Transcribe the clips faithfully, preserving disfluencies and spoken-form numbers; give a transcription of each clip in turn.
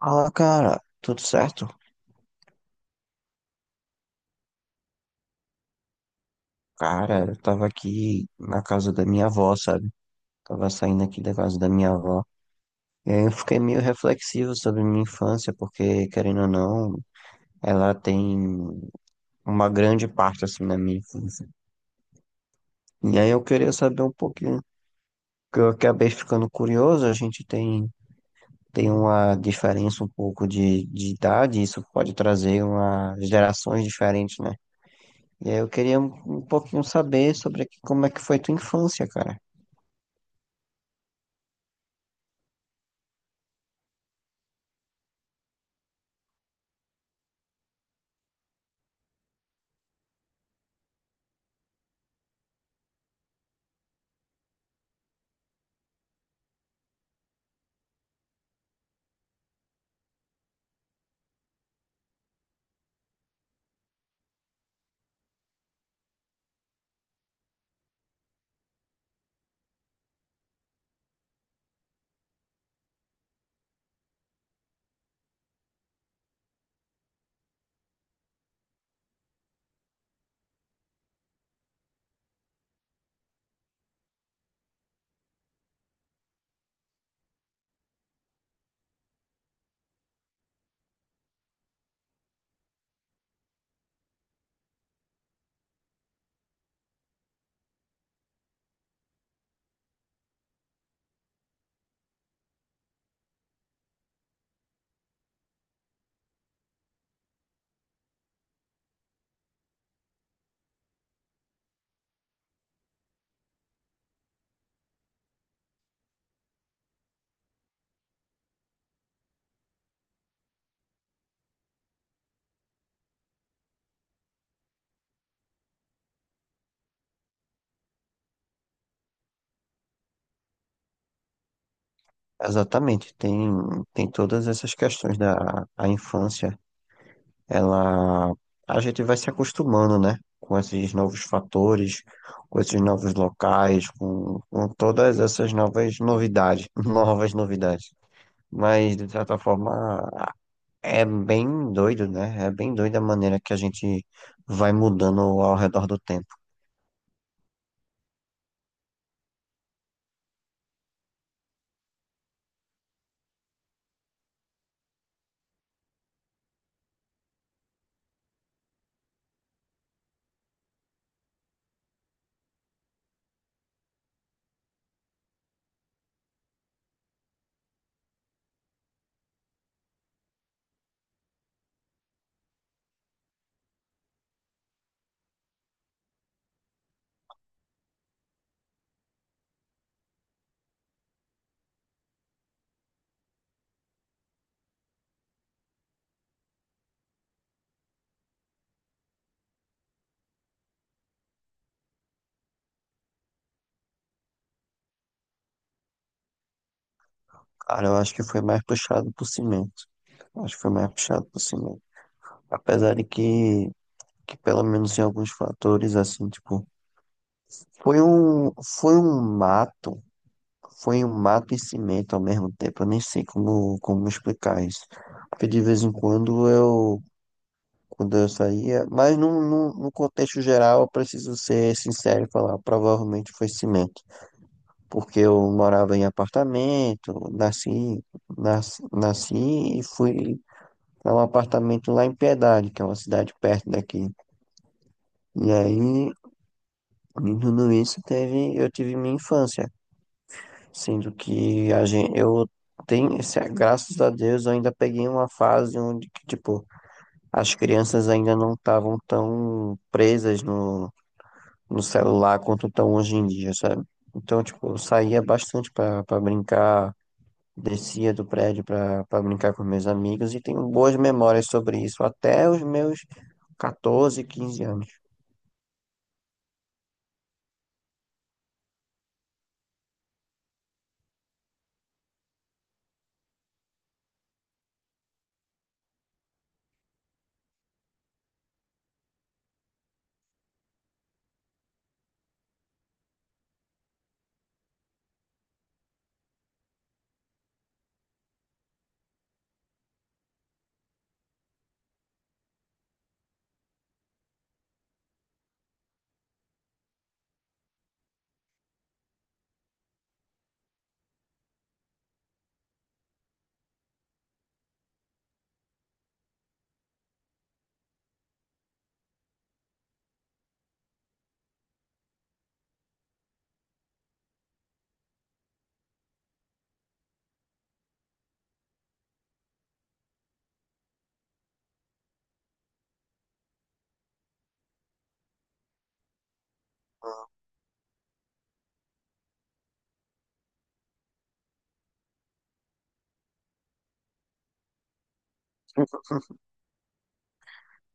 Fala, cara, tudo certo? Cara, eu tava aqui na casa da minha avó, sabe? Tava saindo aqui da casa da minha avó. E aí eu fiquei meio reflexivo sobre minha infância, porque, querendo ou não, ela tem uma grande parte, assim, na minha infância. E aí eu queria saber um pouquinho, que eu acabei ficando curioso, a gente tem, tem uma diferença um pouco de, de idade, isso pode trazer uma gerações diferentes, né? E aí eu queria um, um pouquinho saber sobre como é que foi tua infância, cara. Exatamente, tem, tem todas essas questões da a infância. Ela, a gente vai se acostumando, né? Com esses novos fatores, com esses novos locais, com, com todas essas novas novidades, novas novidades. Mas, de certa forma, é bem doido, né? É bem doida a maneira que a gente vai mudando ao redor do tempo. Cara, eu acho que foi mais puxado por cimento. Acho que foi mais puxado por cimento. Apesar de que. Que pelo menos em alguns fatores, assim, tipo, foi um, foi um mato, foi um mato e cimento ao mesmo tempo, eu nem sei como, como explicar isso, porque de vez em quando eu, quando eu saía, mas no, no, no contexto geral eu preciso ser sincero e falar, provavelmente foi cimento, porque eu morava em apartamento, nasci, nasci, nasci e fui para um apartamento lá em Piedade, que é uma cidade perto daqui, e aí e tudo isso teve, eu tive minha infância, sendo que a gente, eu tenho, se- graças a Deus, eu ainda peguei uma fase onde, que, tipo, as crianças ainda não estavam tão presas no, no celular quanto estão hoje em dia, sabe? Então, tipo, eu saía bastante pra, pra brincar, descia do prédio pra, pra brincar com meus amigos e tenho boas memórias sobre isso, até os meus catorze quinze anos.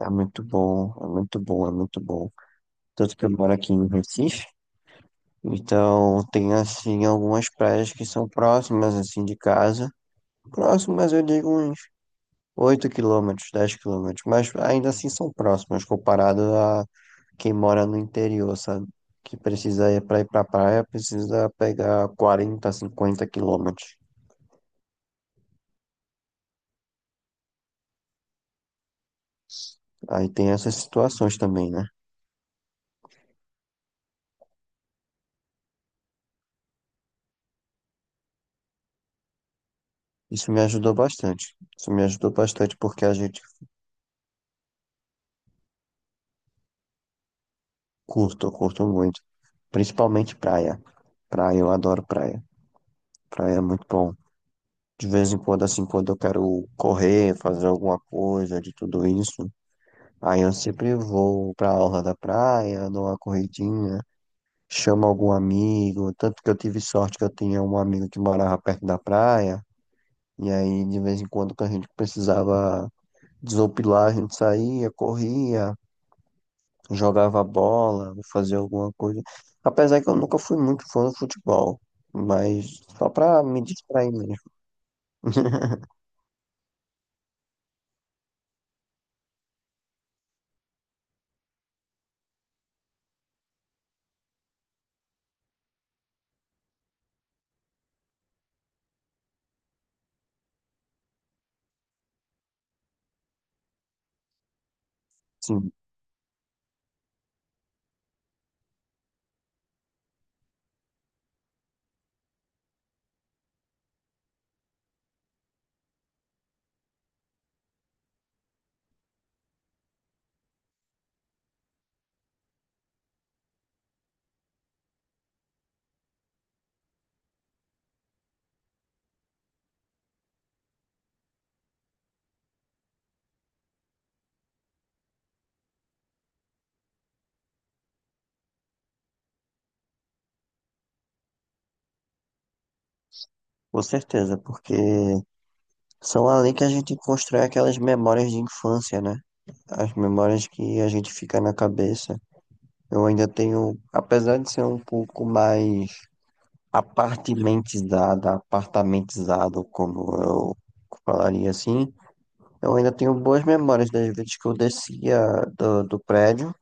É muito bom, é muito bom, é muito bom. Tanto que eu moro aqui em Recife. Então, tem, assim, algumas praias que são próximas, assim, de casa. Próximas, eu digo uns oito quilômetros, dez quilômetros. Mas ainda assim são próximas, comparado a quem mora no interior, sabe? Que precisa ir para ir pra praia, precisa pegar quarenta, cinquenta quilômetros. Aí tem essas situações também, né? Isso me ajudou bastante. Isso me ajudou bastante porque a gente curto, eu curto muito. Principalmente praia. Praia, eu adoro praia. Praia é muito bom. De vez em quando, assim, quando eu quero correr, fazer alguma coisa de tudo isso, aí eu sempre vou pra orla da praia, dou uma corridinha, chamo algum amigo. Tanto que eu tive sorte que eu tinha um amigo que morava perto da praia, e aí de vez em quando que a gente precisava desopilar, a gente saía, corria, jogava bola, fazia alguma coisa. Apesar que eu nunca fui muito fã do futebol, mas só pra me distrair mesmo. Assim, com certeza, porque são ali que a gente constrói aquelas memórias de infância, né? As memórias que a gente fica na cabeça. Eu ainda tenho, apesar de ser um pouco mais apartimentizado, apartamentizado, como eu falaria assim, eu ainda tenho boas memórias das vezes que eu descia do, do prédio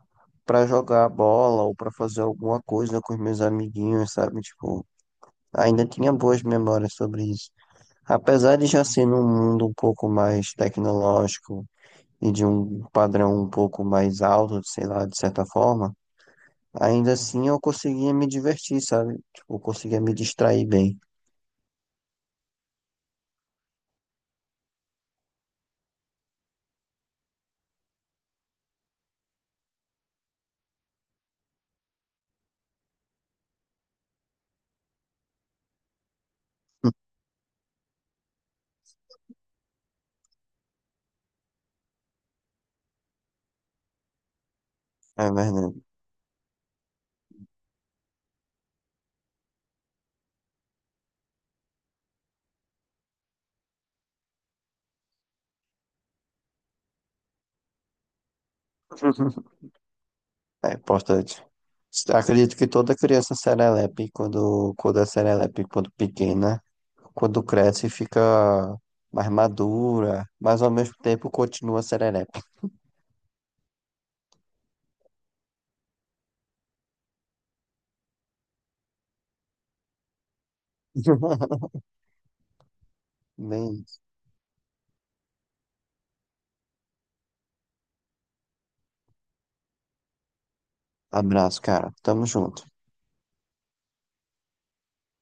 para jogar bola ou para fazer alguma coisa com os meus amiguinhos, sabe? Tipo, ainda tinha boas memórias sobre isso. Apesar de já ser num mundo um pouco mais tecnológico e de um padrão um pouco mais alto, sei lá, de certa forma, ainda assim eu conseguia me divertir, sabe? Tipo, eu conseguia me distrair bem. É verdade. É importante. Acredito que toda criança serelepe, quando, quando é serelepe, quando pequena, quando cresce, fica mais madura, mas ao mesmo tempo continua serelepe. Bem, abraço, cara. Tamo junto.